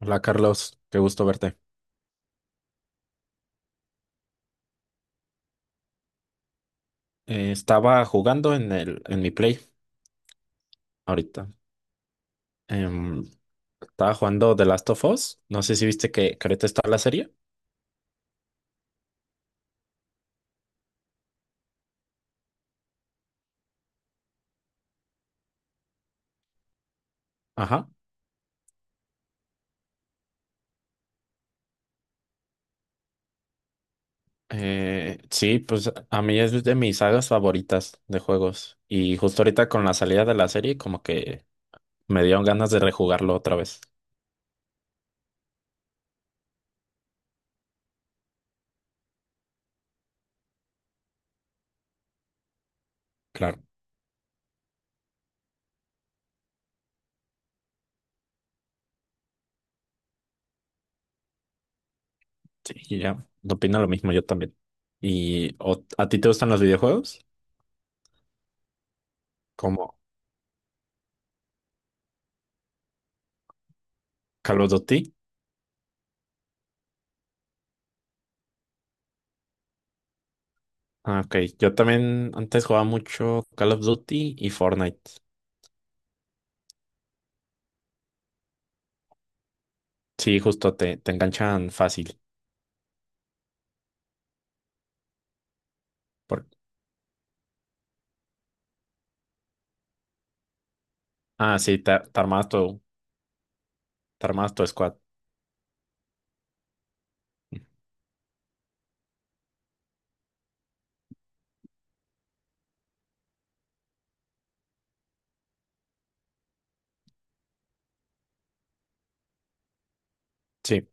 Hola Carlos, qué gusto verte. Estaba jugando en mi Play ahorita. Em, Estaba jugando The Last of Us. No sé si viste que ahorita está la serie. Ajá. Sí, pues a mí es de mis sagas favoritas de juegos. Y justo ahorita con la salida de la serie, como que me dieron ganas de rejugarlo otra vez. Claro. Sí, y ya. Opino lo mismo yo también. ¿Y a ti te gustan los videojuegos? Como Call of Duty. Ah, ok. Yo también antes jugaba mucho Call of Duty y Fortnite. Sí, justo te enganchan fácil. por- Ah, sí, te te armabas tu squad. Sí,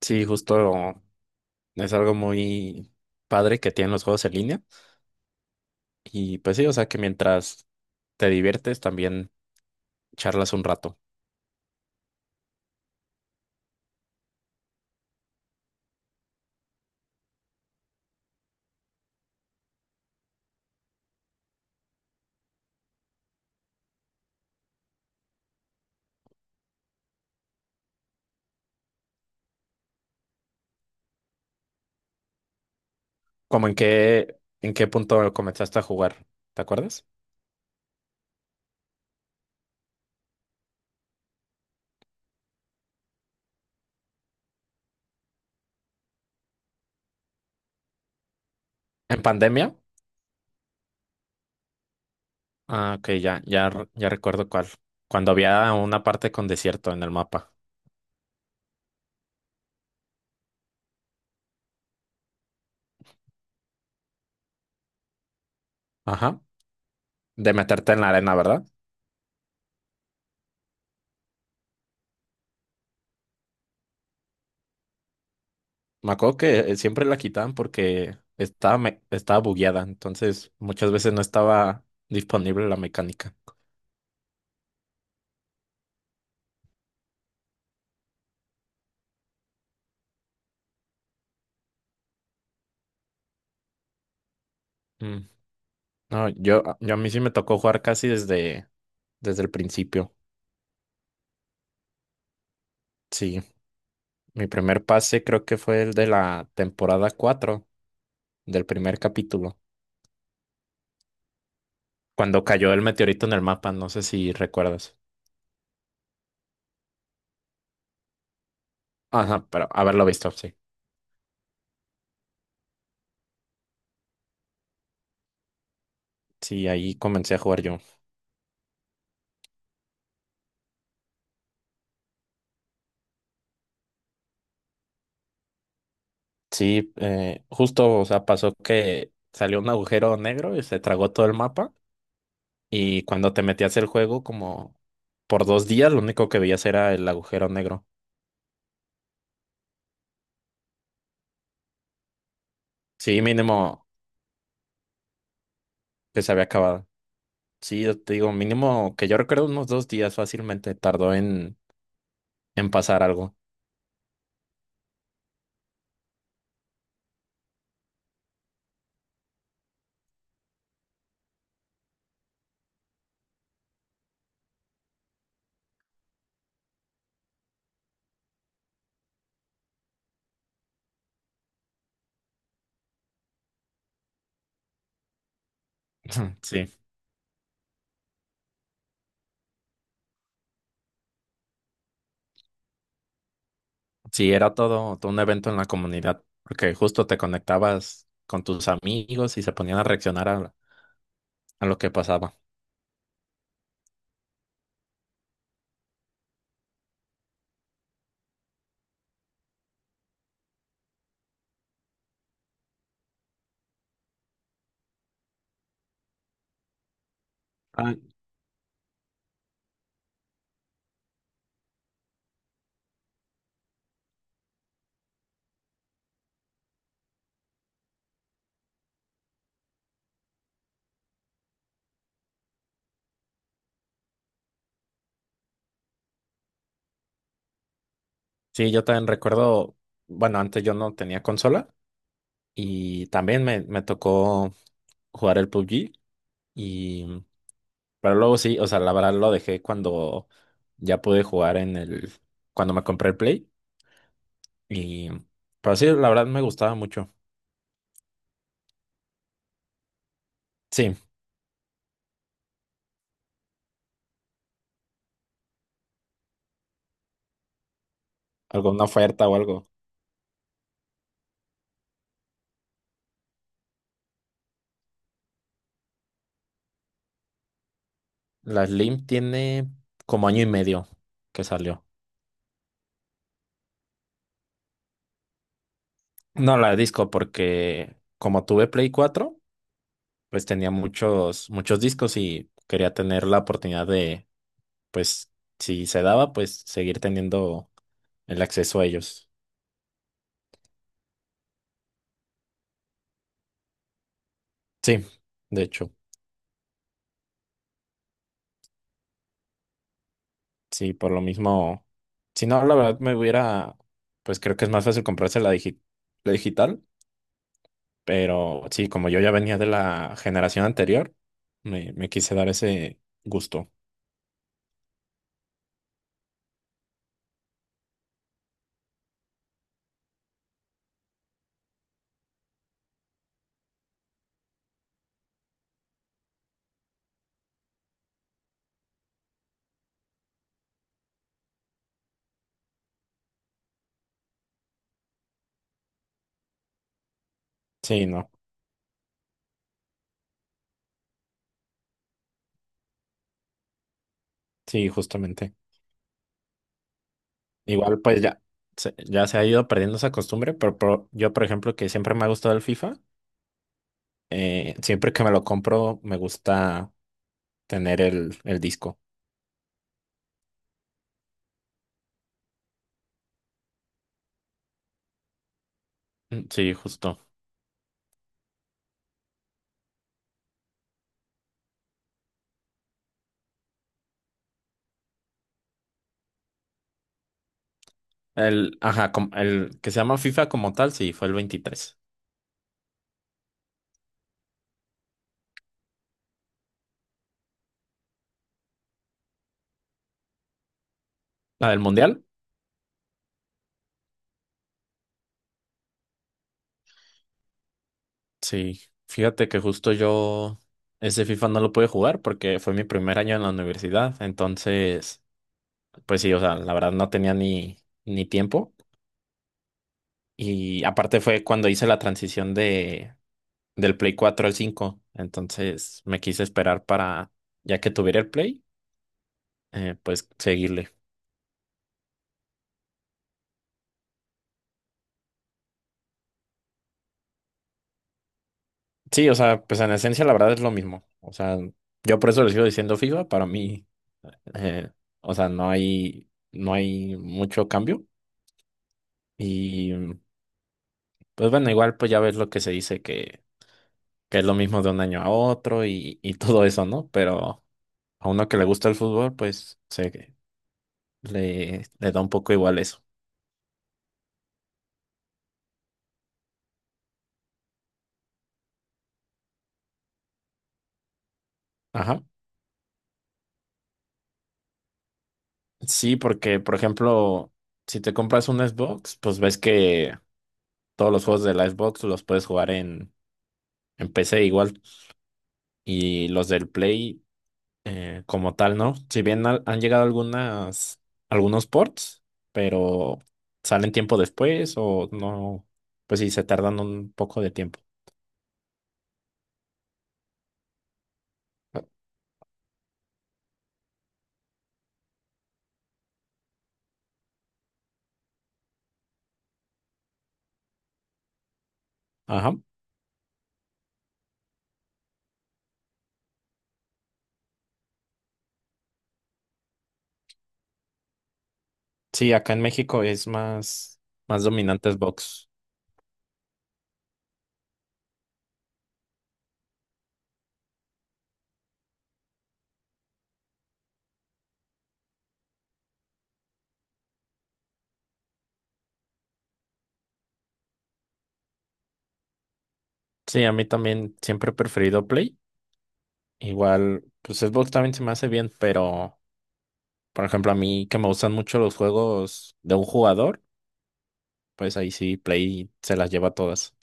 sí, justo es algo muy padre que tienen los juegos en línea. Y pues sí, o sea que mientras te diviertes también charlas un rato. ¿Cómo en qué punto comenzaste a jugar? ¿Te acuerdas? ¿En pandemia? Ah, ok, ya, ya, ya recuerdo cuál. Cuando había una parte con desierto en el mapa. Ajá. De meterte en la arena, ¿verdad? Me acuerdo que siempre la quitaban porque estaba bugueada, entonces muchas veces no estaba disponible la mecánica. Mm. No, yo a mí sí me tocó jugar casi desde el principio. Sí, mi primer pase creo que fue el de la temporada 4 del primer capítulo, cuando cayó el meteorito en el mapa, no sé si recuerdas. Ajá, pero haberlo visto, sí. Sí, ahí comencé a jugar yo. Sí, justo, o sea, pasó que salió un agujero negro y se tragó todo el mapa. Y cuando te metías el juego, como por 2 días, lo único que veías era el agujero negro. Sí, mínimo que se había acabado. Sí, yo te digo, mínimo que yo recuerdo unos 2 días fácilmente tardó en pasar algo. Sí, sí, era todo un evento en la comunidad, porque justo te conectabas con tus amigos y se ponían a reaccionar a lo que pasaba. Sí, yo también recuerdo, bueno, antes yo no tenía consola y también me tocó jugar el PUBG y, pero luego sí, o sea, la verdad lo dejé cuando ya pude jugar cuando me compré el Play y, pero sí, la verdad me gustaba mucho. Sí, alguna oferta o algo. La Slim tiene como año y medio que salió. No, la de disco porque como tuve Play 4, pues tenía muchos, muchos discos y quería tener la oportunidad de pues si se daba, pues seguir teniendo el acceso a ellos. Sí, de hecho, sí, por lo mismo, si no, la verdad me hubiera, pues creo que es más fácil comprarse la digital, pero sí, como yo ya venía de la generación anterior, me quise dar ese gusto. Sí, no, sí, justamente. Igual, pues ya se ha ido perdiendo esa costumbre, pero, yo, por ejemplo, que siempre me ha gustado el FIFA, siempre que me lo compro, me gusta tener el disco. Mm, sí, justo. Ajá, el que se llama FIFA como tal, sí, fue el 23. ¿La del Mundial? Sí. Fíjate que justo yo ese FIFA no lo pude jugar porque fue mi primer año en la universidad. Entonces, pues sí, o sea, la verdad no tenía ni tiempo. Y aparte fue cuando hice la transición del Play 4 al cinco. Entonces me quise esperar para, ya que tuviera el Play, pues seguirle. Sí, o sea, pues en esencia la verdad es lo mismo. O sea, yo por eso le sigo diciendo FIFA, para mí, eh, o sea, no hay mucho cambio. Y pues bueno, igual pues ya ves lo que se dice que es lo mismo de un año a otro y todo eso, ¿no? Pero a uno que le gusta el fútbol, pues se le da un poco igual eso. Ajá. Sí, porque por ejemplo, si te compras un Xbox, pues ves que todos los juegos de la Xbox los puedes jugar en PC igual. Y los del Play como tal, ¿no? Si bien han llegado algunos ports, pero salen tiempo después o no, pues sí, se tardan un poco de tiempo. Ah, ajá. Sí, acá en México es más dominante Xbox. Sí, a mí también siempre he preferido Play. Igual, pues Xbox también se me hace bien, pero por ejemplo, a mí que me gustan mucho los juegos de un jugador, pues ahí sí Play se las lleva todas.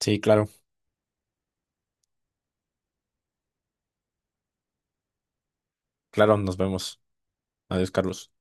Sí, claro, claro, nos vemos. Adiós, Carlos.